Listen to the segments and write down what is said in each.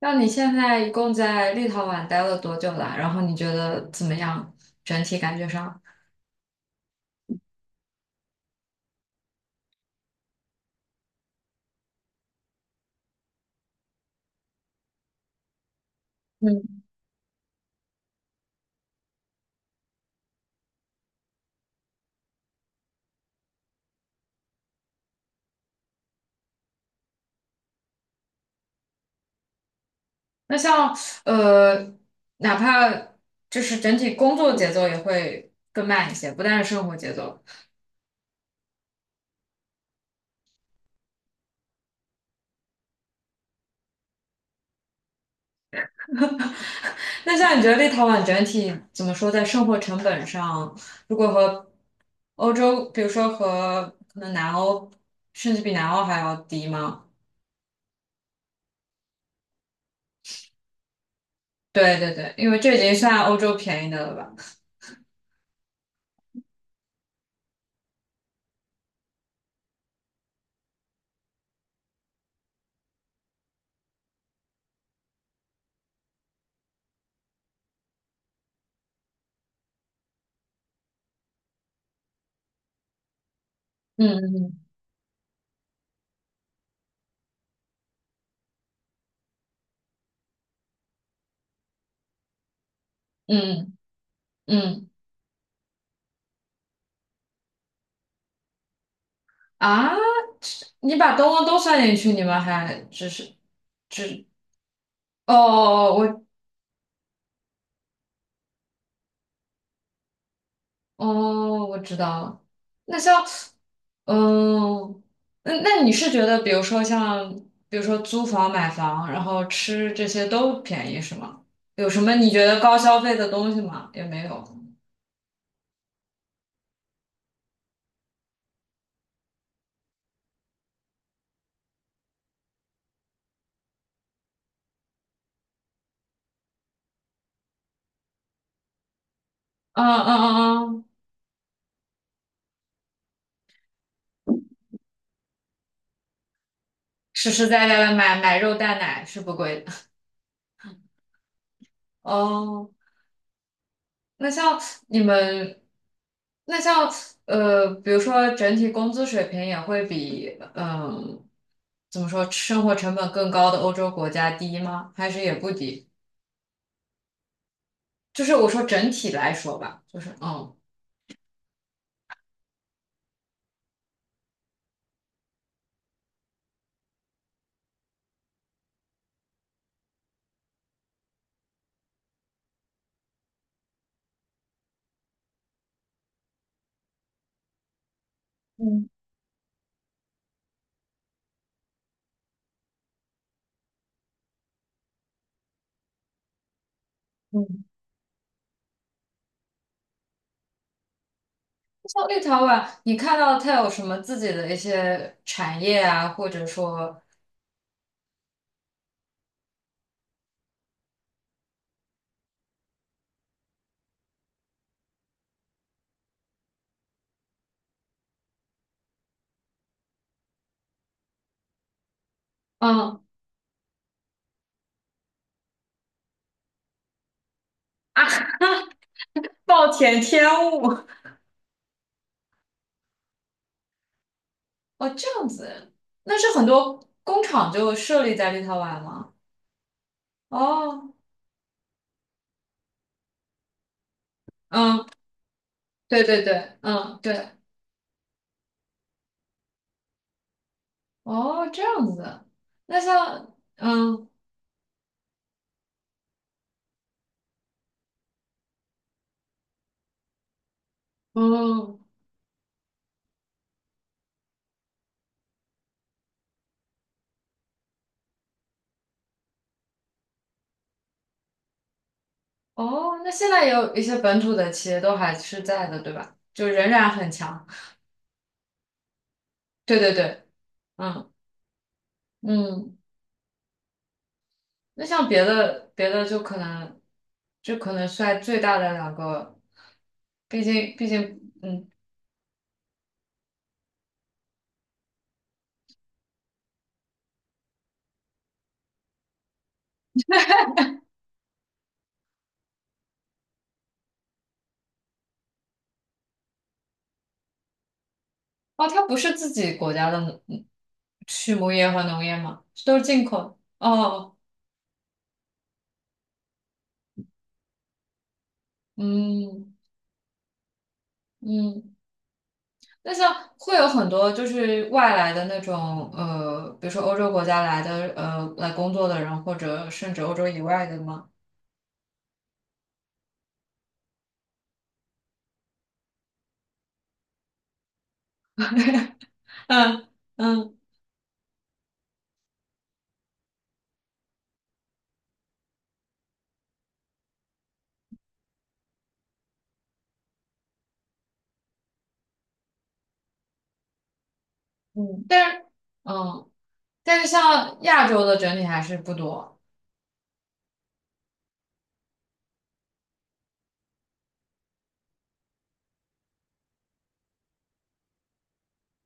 那你现在一共在立陶宛待了多久啦？然后你觉得怎么样？整体感觉上？嗯。那像呃，哪怕就是整体工作节奏也会更慢一些，不但是生活节奏。那像你觉得立陶宛整体怎么说，在生活成本上，如果和欧洲，比如说和可能南欧，甚至比南欧还要低吗？对对对，因为这已经算欧洲便宜的了吧？嗯嗯嗯嗯。嗯啊，你把东东都算进去，你们还只是只哦，我哦，我知道了。那像嗯，那你是觉得，比如说像，比如说租房、买房，然后吃这些都便宜是吗？有什么你觉得高消费的东西吗？也没有。嗯嗯嗯嗯，实实在在的买肉蛋奶是不贵的。哦，那像你们，那像比如说整体工资水平也会比嗯，怎么说生活成本更高的欧洲国家低吗？还是也不低？就是我说整体来说吧，就是嗯。嗯嗯。像立陶宛，你看到它有什么自己的一些产业啊，或者说嗯，暴殄天物。哦这样子，那是很多工厂就设立在立陶宛吗？哦，嗯。对对对，嗯，对，哦，这样子的。那像，嗯，哦，哦，那现在也有一些本土的企业都还是在的，对吧？就仍然很强。对对对，嗯嗯。那像别的就可能，就可能算最大的两个，毕竟毕竟，嗯，哦，它不是自己国家的嗯，畜牧业和农业嘛，都是进口的。哦，嗯嗯。那像会有很多就是外来的那种比如说欧洲国家来的来工作的人，或者甚至欧洲以外的吗？嗯嗯，嗯，但是嗯，但是像亚洲的整体还是不多。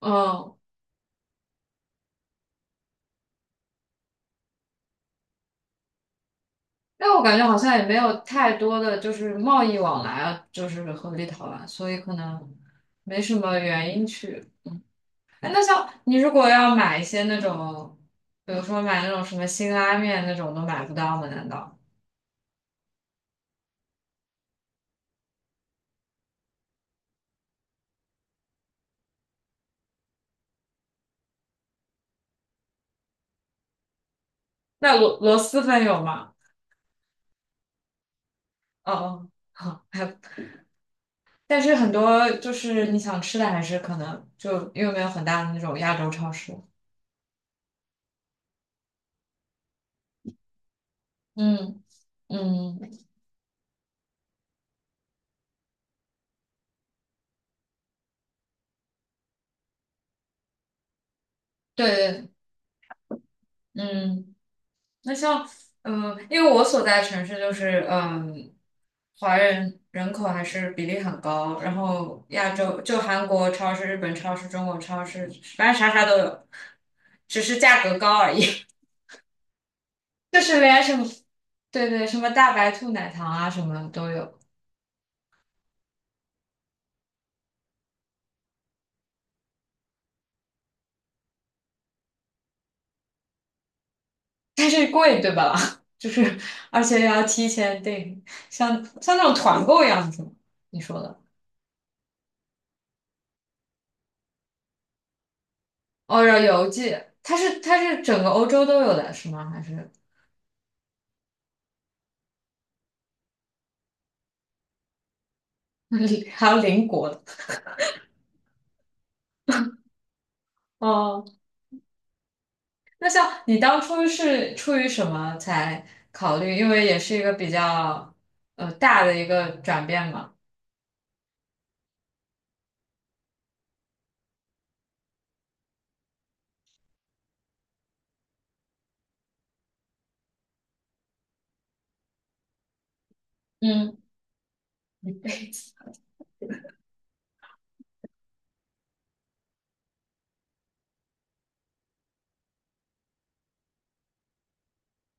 嗯，但我感觉好像也没有太多的就是贸易往来啊，就是和立陶宛，所以可能没什么原因去。哎，那像你如果要买一些那种，比如说买那种什么辛拉面那种，都买不到吗？难道？那螺蛳粉有吗？哦哦，好，还有但是很多就是你想吃的，还是可能就因为没有很大的那种亚洲超市。嗯嗯，对，嗯，那像嗯、因为我所在城市就是嗯、华人人口还是比例很高，然后亚洲就韩国超市、日本超市、中国超市，反正啥啥都有，只是价格高而已。就是连什么，对对，什么大白兔奶糖啊，什么都有。但是贵，对吧？就是而且要提前订，像那种团购一样子吗？你说的，哦，然后邮寄，它是整个欧洲都有的是吗？还是 还有邻国的？哦，那像你当初是出于什么才考虑？因为也是一个比较大的一个转变嘛。嗯，一辈子。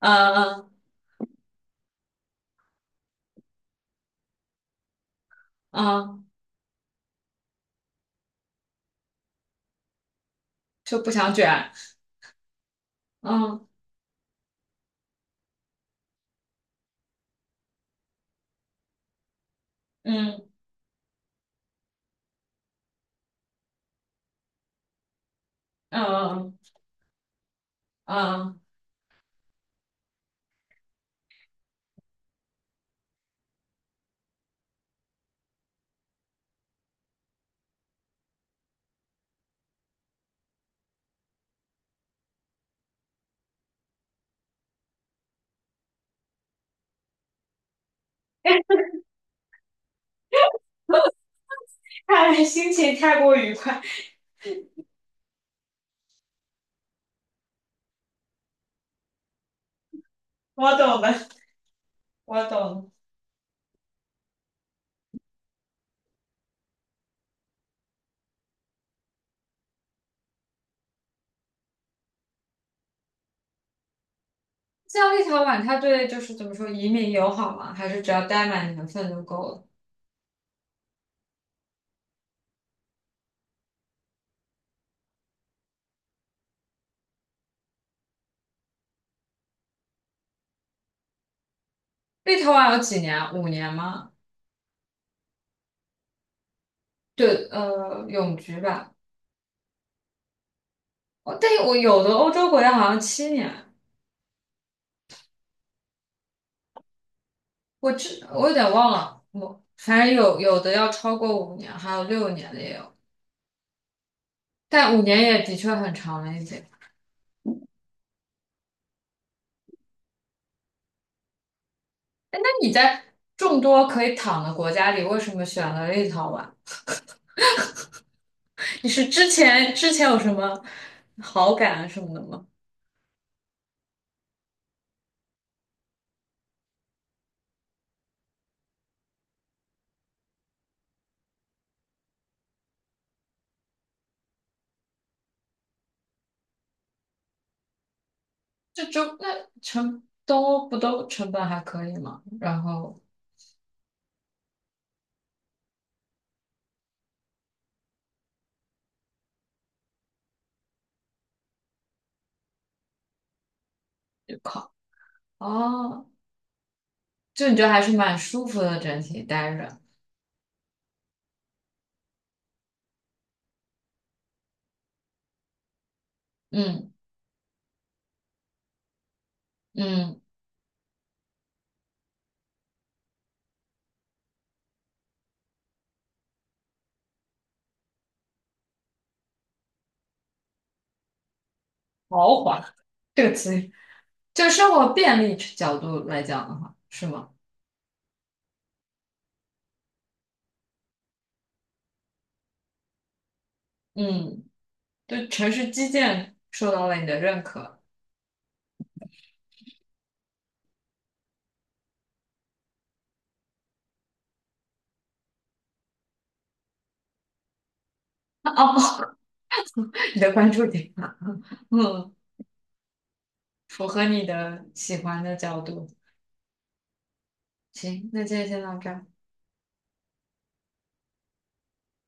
嗯嗯嗯，就不想卷。嗯嗯嗯嗯嗯。嗯 看来心情太过愉快，我懂了，我懂。了。像立陶宛，它对就是怎么说移民友好吗？还是只要待满年份就够了？立陶宛有几年啊五年吗？对，永居吧。哦，但我有的欧洲国家好像七年，我知，我有点忘了，我反正有，有的要超过五年，还有六年的也有，但五年也的确很长了一点。那你在众多可以躺的国家里，为什么选了立陶宛？你是之前有什么好感啊什么的吗？这就那成都不都成本还可以吗？然后就考，哦，就你觉得还是蛮舒服的，整体待着，嗯，嗯，豪华这个词语，就生活便利角度来讲的话，是吗？嗯，对城市基建受到了你的认可 哦，你的关注点啊，嗯，符合你的喜欢的角度。行，那今天先到这儿。